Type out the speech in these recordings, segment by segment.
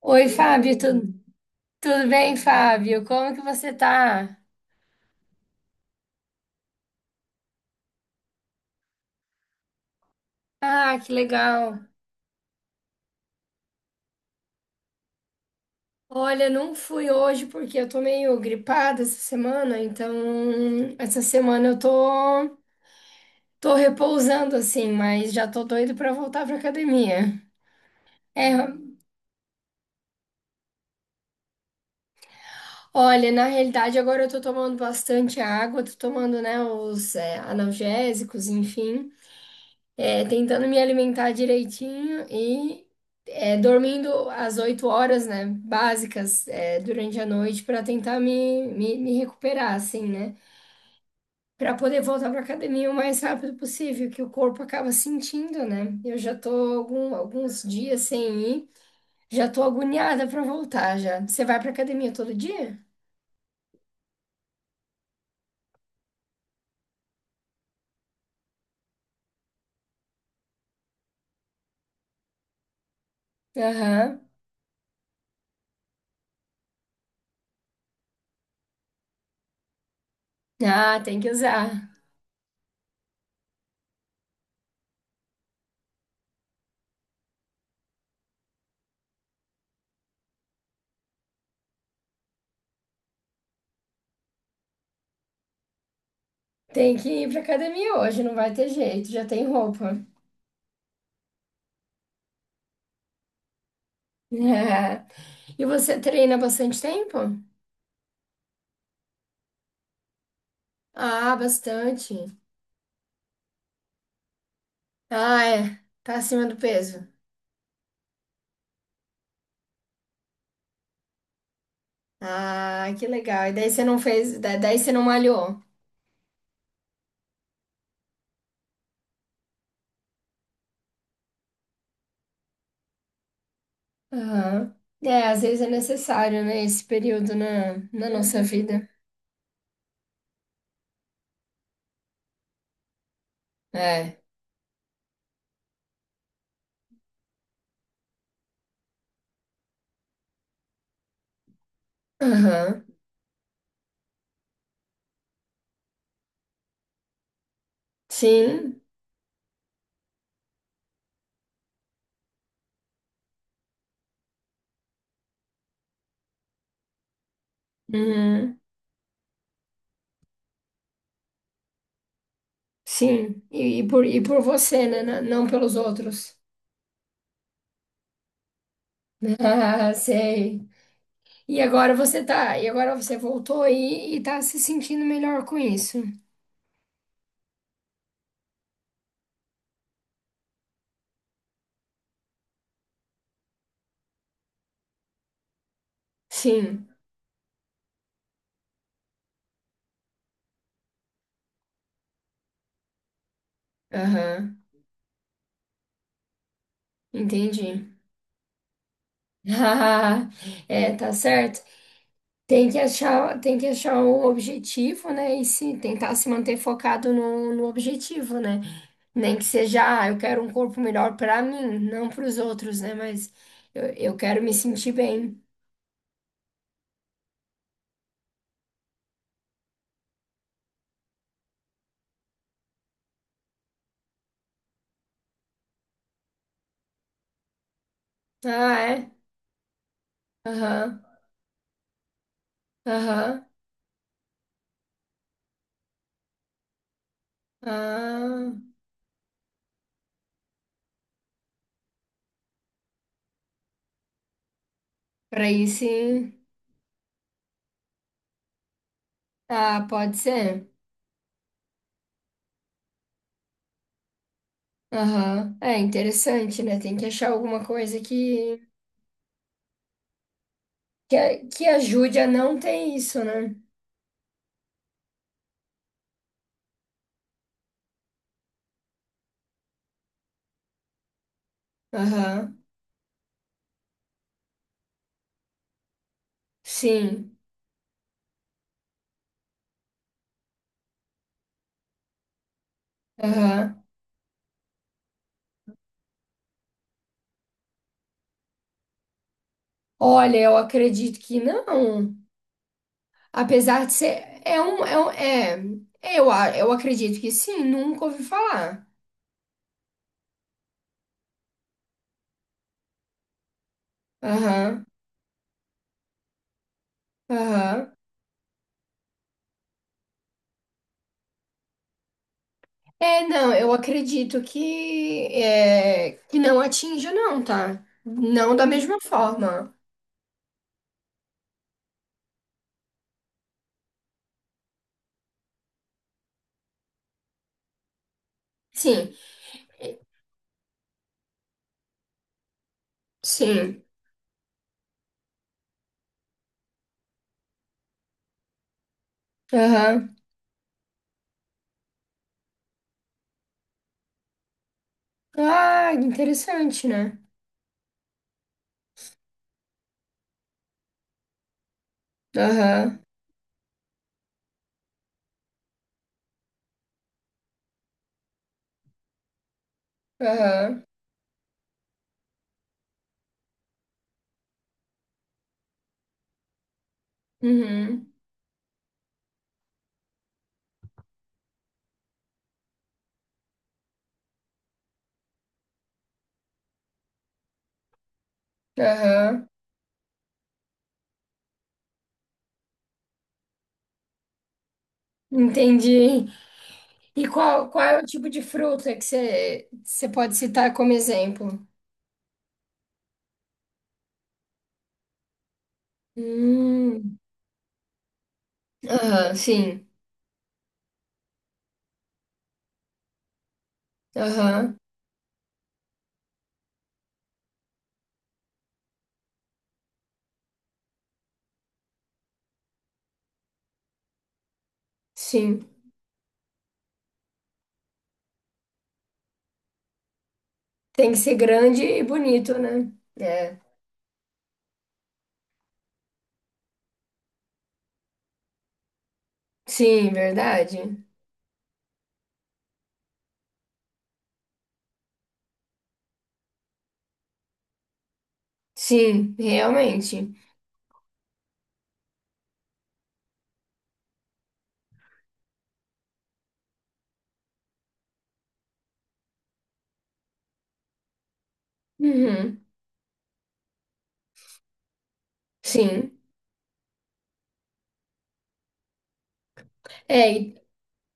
Oi, Fábio, tudo bem, Fábio? Como que você tá? Ah, que legal. Olha, não fui hoje porque eu tô meio gripada essa semana, então essa semana eu tô repousando assim, mas já tô doido pra voltar pra academia. É, olha, na realidade agora eu tô tomando bastante água, tô tomando, né, os analgésicos, enfim. Tentando me alimentar direitinho e dormindo as 8 horas, né, básicas, durante a noite para tentar me recuperar, assim, né? Para poder voltar para academia o mais rápido possível, que o corpo acaba sentindo, né? Eu já tô alguns dias sem ir, já tô agoniada para voltar já. Você vai para academia todo dia? Aham. Ah, tem que usar. Tem que ir para academia hoje, não vai ter jeito, já tem roupa. E você treina há bastante tempo? Ah, bastante. Ah, é. Tá acima do peso. Ah, que legal. E daí você não fez, daí você não malhou. Aham. É, às vezes é necessário, né, esse período na nossa vida. É. Aham. Sim. Uhum. Sim. E por você, né? Não pelos outros. Ah, sei. E agora você voltou aí e tá se sentindo melhor com isso. Sim. Aham. Entendi. É, tá certo. Tem que achar um objetivo, né? E se tentar se manter focado no objetivo, né? Nem que seja, ah, eu quero um corpo melhor pra mim, não para os outros, né? Mas eu, eu quero me sentir bem. Ah, é? Aham, aham. Ah, pra aí sim. Ah, pode ser. Aham. É interessante, né? Tem que achar alguma coisa que, que ajude a não ter isso, né? Aham. Sim. Aham. Olha, eu acredito que não. Apesar de ser. É um. Eu acredito que sim, nunca ouvi falar. Aham. Aham. É, não, eu acredito que. É, que não atinja, não, tá? Não da mesma forma. Sim. Sim. Aham. Ah, interessante, né? Aham. Aham. Uhum. Aham. Entendi. E qual é o tipo de fruta que você pode citar como exemplo? Hum, aham, sim. Aham, sim. Tem que ser grande e bonito, né? É. Sim, verdade. Sim, realmente. Uhum, sim. É, e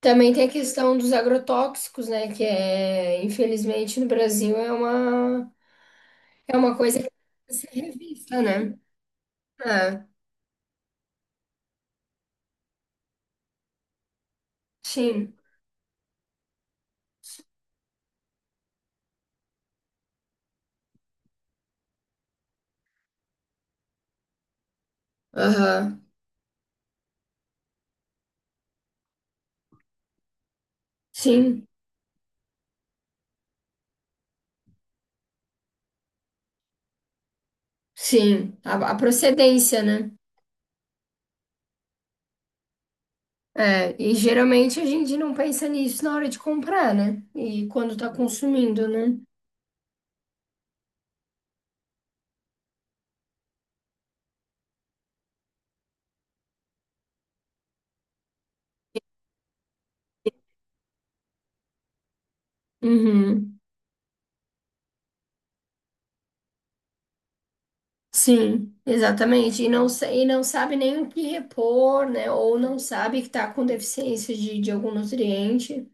também tem a questão dos agrotóxicos, né? Que é, infelizmente, no Brasil é uma, coisa que precisa ser revista, né? É, sim. Aham, sim. Sim, a procedência, né? É, e geralmente a gente não pensa nisso na hora de comprar, né? E quando tá consumindo, né? Uhum. Sim, exatamente. E não sabe nem o que repor, né? Ou não sabe que tá com deficiência de algum nutriente.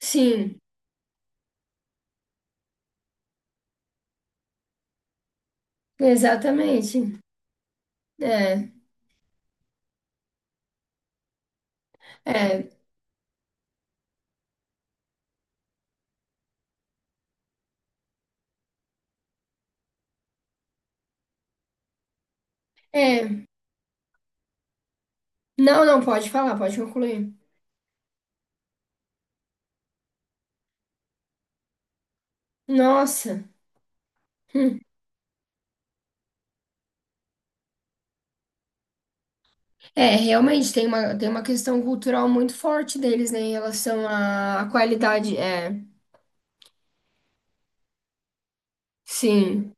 Sim, exatamente. É, é, é. Não, não, pode falar, pode concluir. Nossa. Hum. É, realmente tem uma, questão cultural muito forte deles, né, em relação à qualidade. É, sim,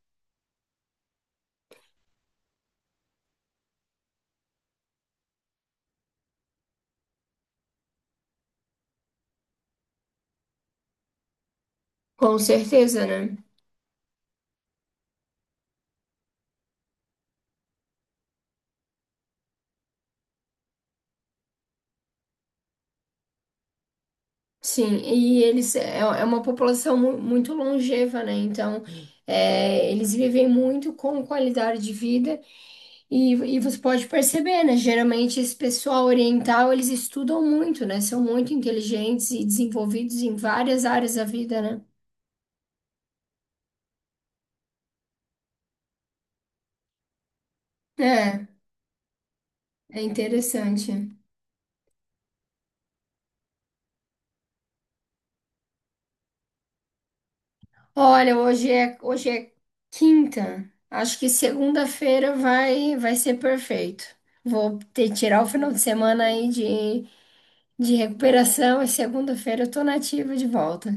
com certeza, né? Sim, e eles é uma população muito longeva, né? Então, eles vivem muito com qualidade de vida e você pode perceber, né? Geralmente esse pessoal oriental, eles estudam muito, né? São muito inteligentes e desenvolvidos em várias áreas da vida, né? É, é interessante. Olha, hoje é quinta. Acho que segunda-feira vai ser perfeito. Vou ter que tirar o final de semana aí de, recuperação e segunda-feira eu tô nativa de volta.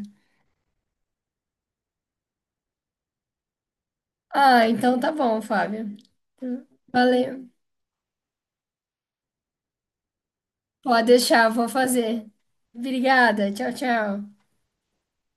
Ah, então tá bom, Fábio. Valeu. Pode deixar, vou fazer. Obrigada. Tchau, tchau.